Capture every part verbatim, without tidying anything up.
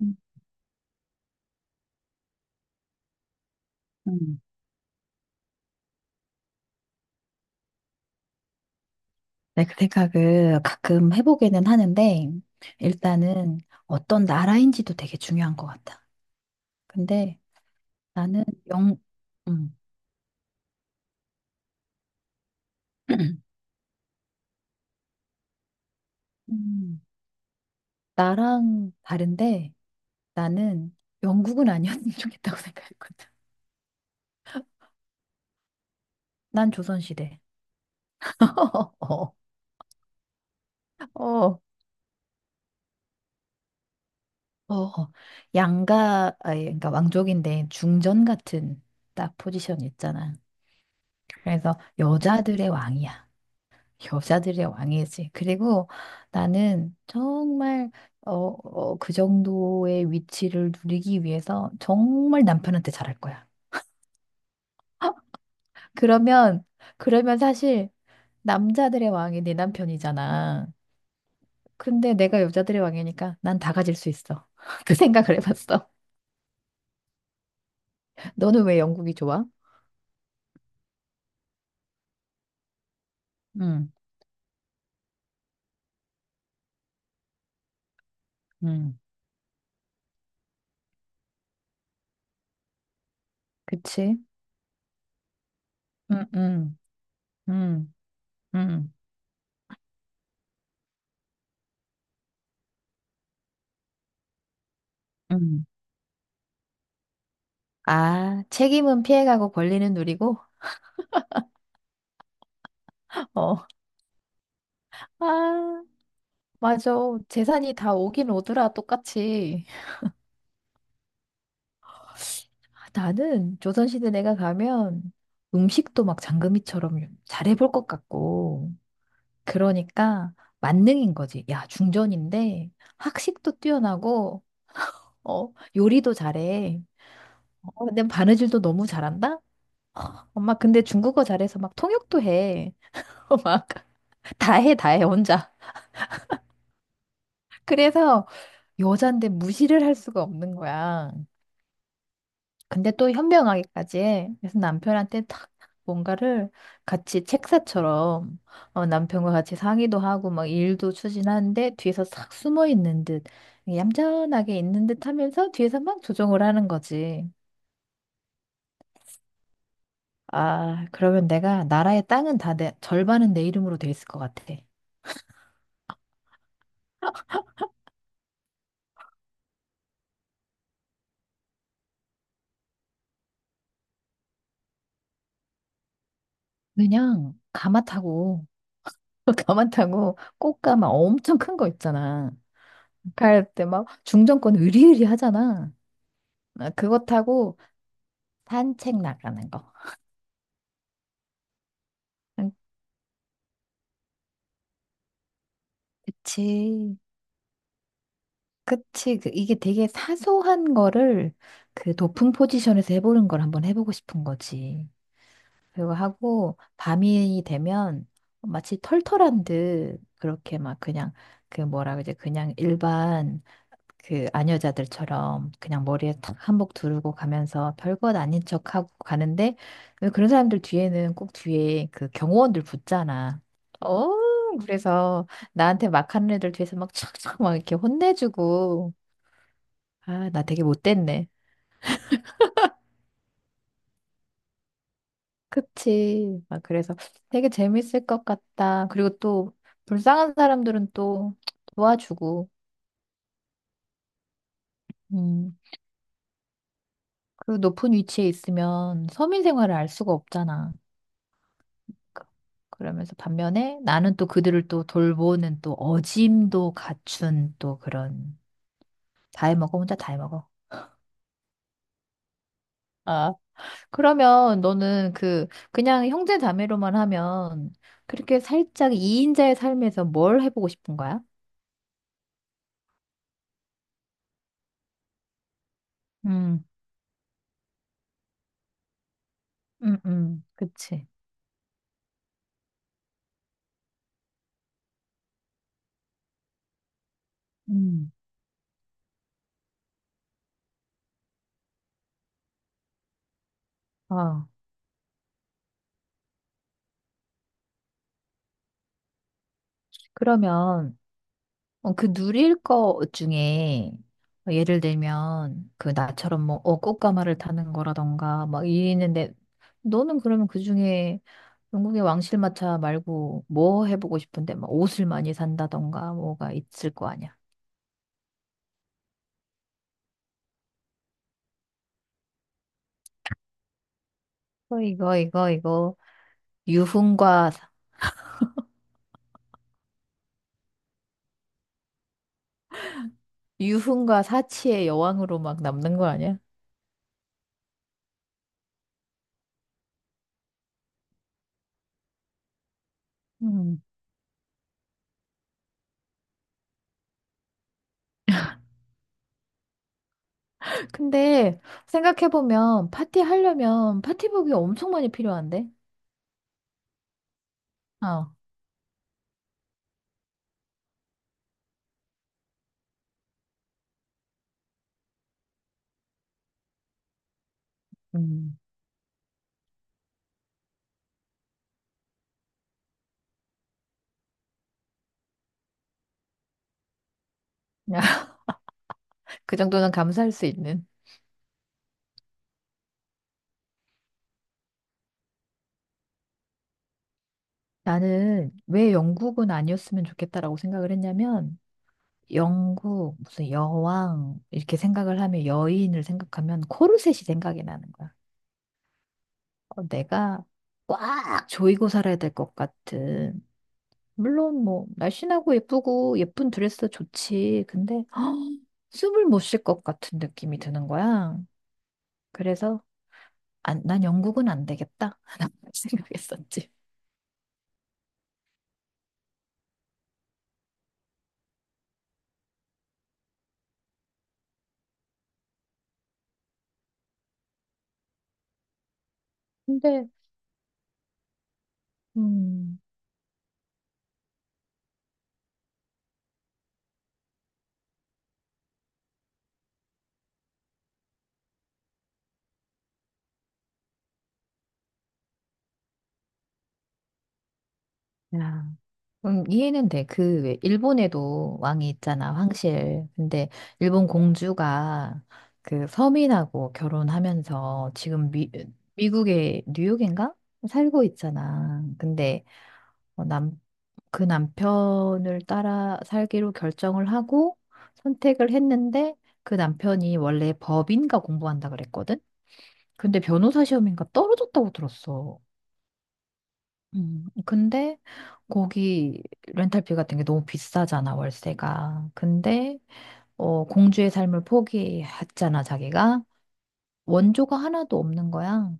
음, 음. 네, 그 생각을 가끔 해보기는 하는데, 일단은 어떤 나라인지도 되게 중요한 것 같아. 근데 나는 영, 음, 음, 나랑 다른데 나는 영국은 아니었으면 좋겠다고 생각했거든. 난 조선시대. 어, 어, 어. 양가, 아니, 그러니까 왕족인데 중전 같은 딱 포지션 있잖아. 그래서 여자들의 왕이야. 여자들의 왕이지. 그리고 나는 정말 어, 어, 그 정도의 위치를 누리기 위해서 정말 남편한테 잘할 거야. 그러면 그러면 사실 남자들의 왕이 내 남편이잖아. 근데 내가 여자들의 왕이니까 난 다 가질 수 있어. 그 생각을 해봤어. 너는 왜 영국이 좋아? 음, 음, 그치? 음, 음, 음, 음, 음. 아, 책임은 피해가고 권리는 누리고. 어. 아. 맞아. 재산이 다 오긴 오더라, 똑같이. 아, 나는 조선시대 내가 가면 음식도 막 장금이처럼 잘해볼 것 같고. 그러니까 만능인 거지. 야, 중전인데 학식도 뛰어나고, 어, 요리도 잘해. 어, 근데 바느질도 너무 잘한다? 엄마, 근데 중국어 잘해서 막 통역도 해. 어, 막, 다 해, 다 해, 혼자. 그래서 여잔데 무시를 할 수가 없는 거야. 근데 또 현명하기까지 해. 그래서 남편한테 탁 뭔가를 같이 책사처럼 어, 남편과 같이 상의도 하고 막 일도 추진하는데 뒤에서 싹 숨어 있는 듯 얌전하게 있는 듯 하면서 뒤에서 막 조정을 하는 거지. 아, 그러면 내가 나라의 땅은 다 내, 절반은 내 이름으로 돼 있을 것 같아. 그냥 가마 타고 가마 타고 꽃가마 엄청 큰 거 있잖아. 갈 때 막 중정권 으리으리 하잖아. 아, 그거 타고 산책 나가는 거. 음, 그치. 그치. 그 이게 되게 사소한 거를 그 높은 포지션에서 해보는 걸 한번 해보고 싶은 거지. 그리고 하고 밤이 되면 마치 털털한 듯 그렇게 막 그냥 그 뭐라 그러지? 그냥 일반 그 아녀자들처럼 그냥 머리에 탁 한복 두르고 가면서 별것 아닌 척하고 가는데 왜 그런 사람들 뒤에는 꼭 뒤에 그 경호원들 붙잖아. 어, 그래서 나한테 막 하는 애들 뒤에서 막 촥촥 막 이렇게 혼내주고 아, 나 되게 못됐네. 그치. 막 그래서 되게 재밌을 것 같다. 그리고 또 불쌍한 사람들은 또 도와주고 음, 그 높은 위치에 있으면 서민 생활을 알 수가 없잖아. 그- 러면서 반면에 나는 또 그들을 또 돌보는 또 어짐도 갖춘 또 그런 다 해먹어 혼자 다 해먹어. 아, 그러면 너는 그 그냥 형제 자매로만 하면 그렇게 살짝 이인자의 삶에서 뭘 해보고 싶은 거야? 음, 음, 음, 그치. 음, 어. 그러면 어, 그 누릴 거 중에 어, 예를 들면 그 나처럼 뭐 어, 꽃가마를 타는 거라던가 막 이랬는데 너는 그러면 그 중에 영국의 왕실마차 말고 뭐 해보고 싶은데 막 옷을 많이 산다던가 뭐가 있을 거 아니야. 어, 이거 이거 이거 유흥과 사- 유흥과 사치의 여왕으로 막 남는 거 아니야? 음. 근데 생각해보면 파티 하려면 파티복이 엄청 많이 필요한데. 어. 음. 그 정도는 감사할 수 있는. 나는 왜 영국은 아니었으면 좋겠다라고 생각을 했냐면, 영국, 무슨 여왕, 이렇게 생각을 하면 여인을 생각하면 코르셋이 생각이 나는 거야. 어, 내가 꽉 조이고 살아야 될 것 같은. 물론 뭐, 날씬하고 예쁘고 예쁜 드레스 좋지. 근데, 헉, 숨을 못 쉴 것 같은 느낌이 드는 거야. 그래서, 안, 난 영국은 안 되겠다. 라고 생각했었지. 근데, 음. 야. 음, 이해는 돼. 그, 왜, 일본에도 왕이 있잖아, 황실. 근데 일본 공주가 그 서민하고 결혼하면서 지금 미, 미국의 뉴욕인가? 살고 있잖아. 근데 어, 남, 그 남편을 따라 살기로 결정을 하고 선택을 했는데 그 남편이 원래 법인가 공부한다 그랬거든? 근데 변호사 시험인가 떨어졌다고 들었어. 음, 근데 거기 렌탈비 같은 게 너무 비싸잖아, 월세가. 근데 어, 공주의 삶을 포기했잖아, 자기가. 원조가 하나도 없는 거야.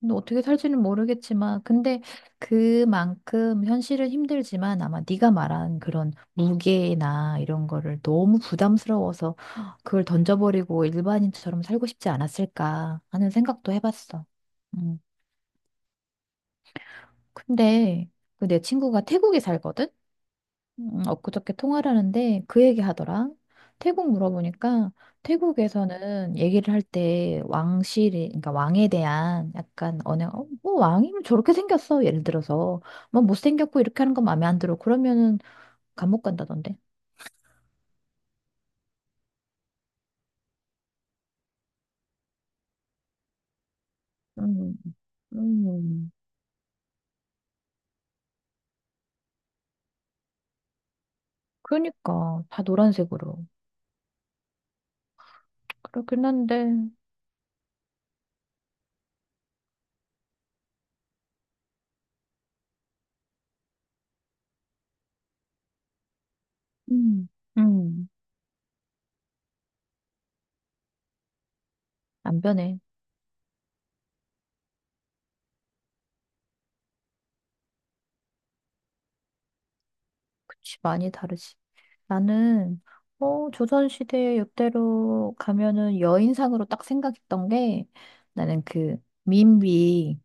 근데 어떻게 살지는 모르겠지만, 근데 그만큼 현실은 힘들지만 아마 네가 말한 그런 무게나 이런 거를 너무 부담스러워서 그걸 던져버리고 일반인처럼 살고 싶지 않았을까 하는 생각도 해봤어. 음, 근데 그 내 친구가 태국에 살거든? 음, 엊그저께 통화를 하는데 그 얘기 하더라. 태국 물어보니까 태국에서는 얘기를 할 때 왕실이, 그러니까 왕에 대한 약간 언행, 어, 뭐 왕이면 저렇게 생겼어. 예를 들어서. 뭐 못생겼고 이렇게 하는 건 마음에 안 들어. 그러면은 감옥 간다던데. 음, 음. 그러니까 다 노란색으로. 그렇긴 한데, 음, 음. 안 변해. 그치, 많이 다르지. 나는, 어, 조선시대 역대로 가면은 여인상으로 딱 생각했던 게 나는 그 민비,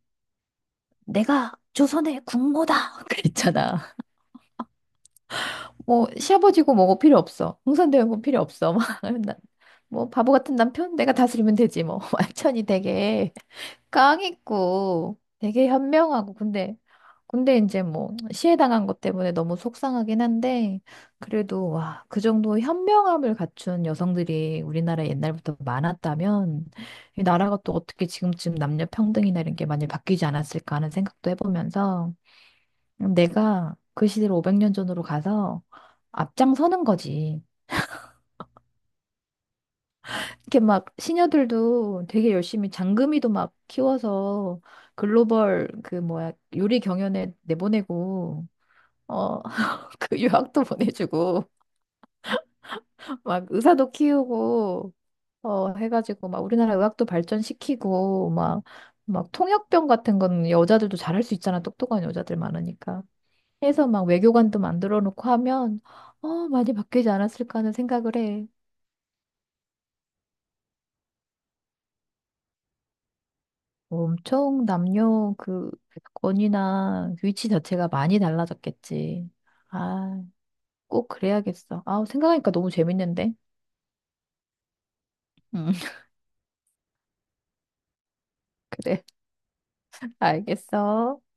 내가 조선의 국모다! 그랬잖아. 뭐, 시아버지고 뭐고 필요 없어. 흥선대원군 필요 없어. 막, 나- 뭐, 바보 같은 남편? 내가 다스리면 되지, 뭐. 완전히 되게. 깡 있고 되게 현명하고 근데 근데 이제 뭐 시해당한 것 때문에 너무 속상하긴 한데 그래도 와, 그 정도 현명함을 갖춘 여성들이 우리나라에 옛날부터 많았다면 이 나라가 또 어떻게 지금쯤 남녀 평등이나 이런 게 많이 바뀌지 않았을까 하는 생각도 해보면서 내가 그 시대로 오백 년 전으로 가서 앞장서는 거지. 이렇게 막 시녀들도 되게 열심히 장금이도 막 키워서 글로벌 그 뭐야 요리 경연에 내보내고 어 그 유학도 보내주고 막 의사도 키우고 어 해가지고 막 우리나라 의학도 발전시키고 막 막 통역병 같은 건 여자들도 잘할 수 있잖아 똑똑한 여자들 많으니까 해서 막 외교관도 만들어 놓고 하면 어 많이 바뀌지 않았을까 하는 생각을 해. 엄청 남녀 그 권위나 위치 자체가 많이 달라졌겠지. 아, 꼭 그래야겠어. 아, 생각하니까 너무 재밌는데. 음, 그래. 알겠어.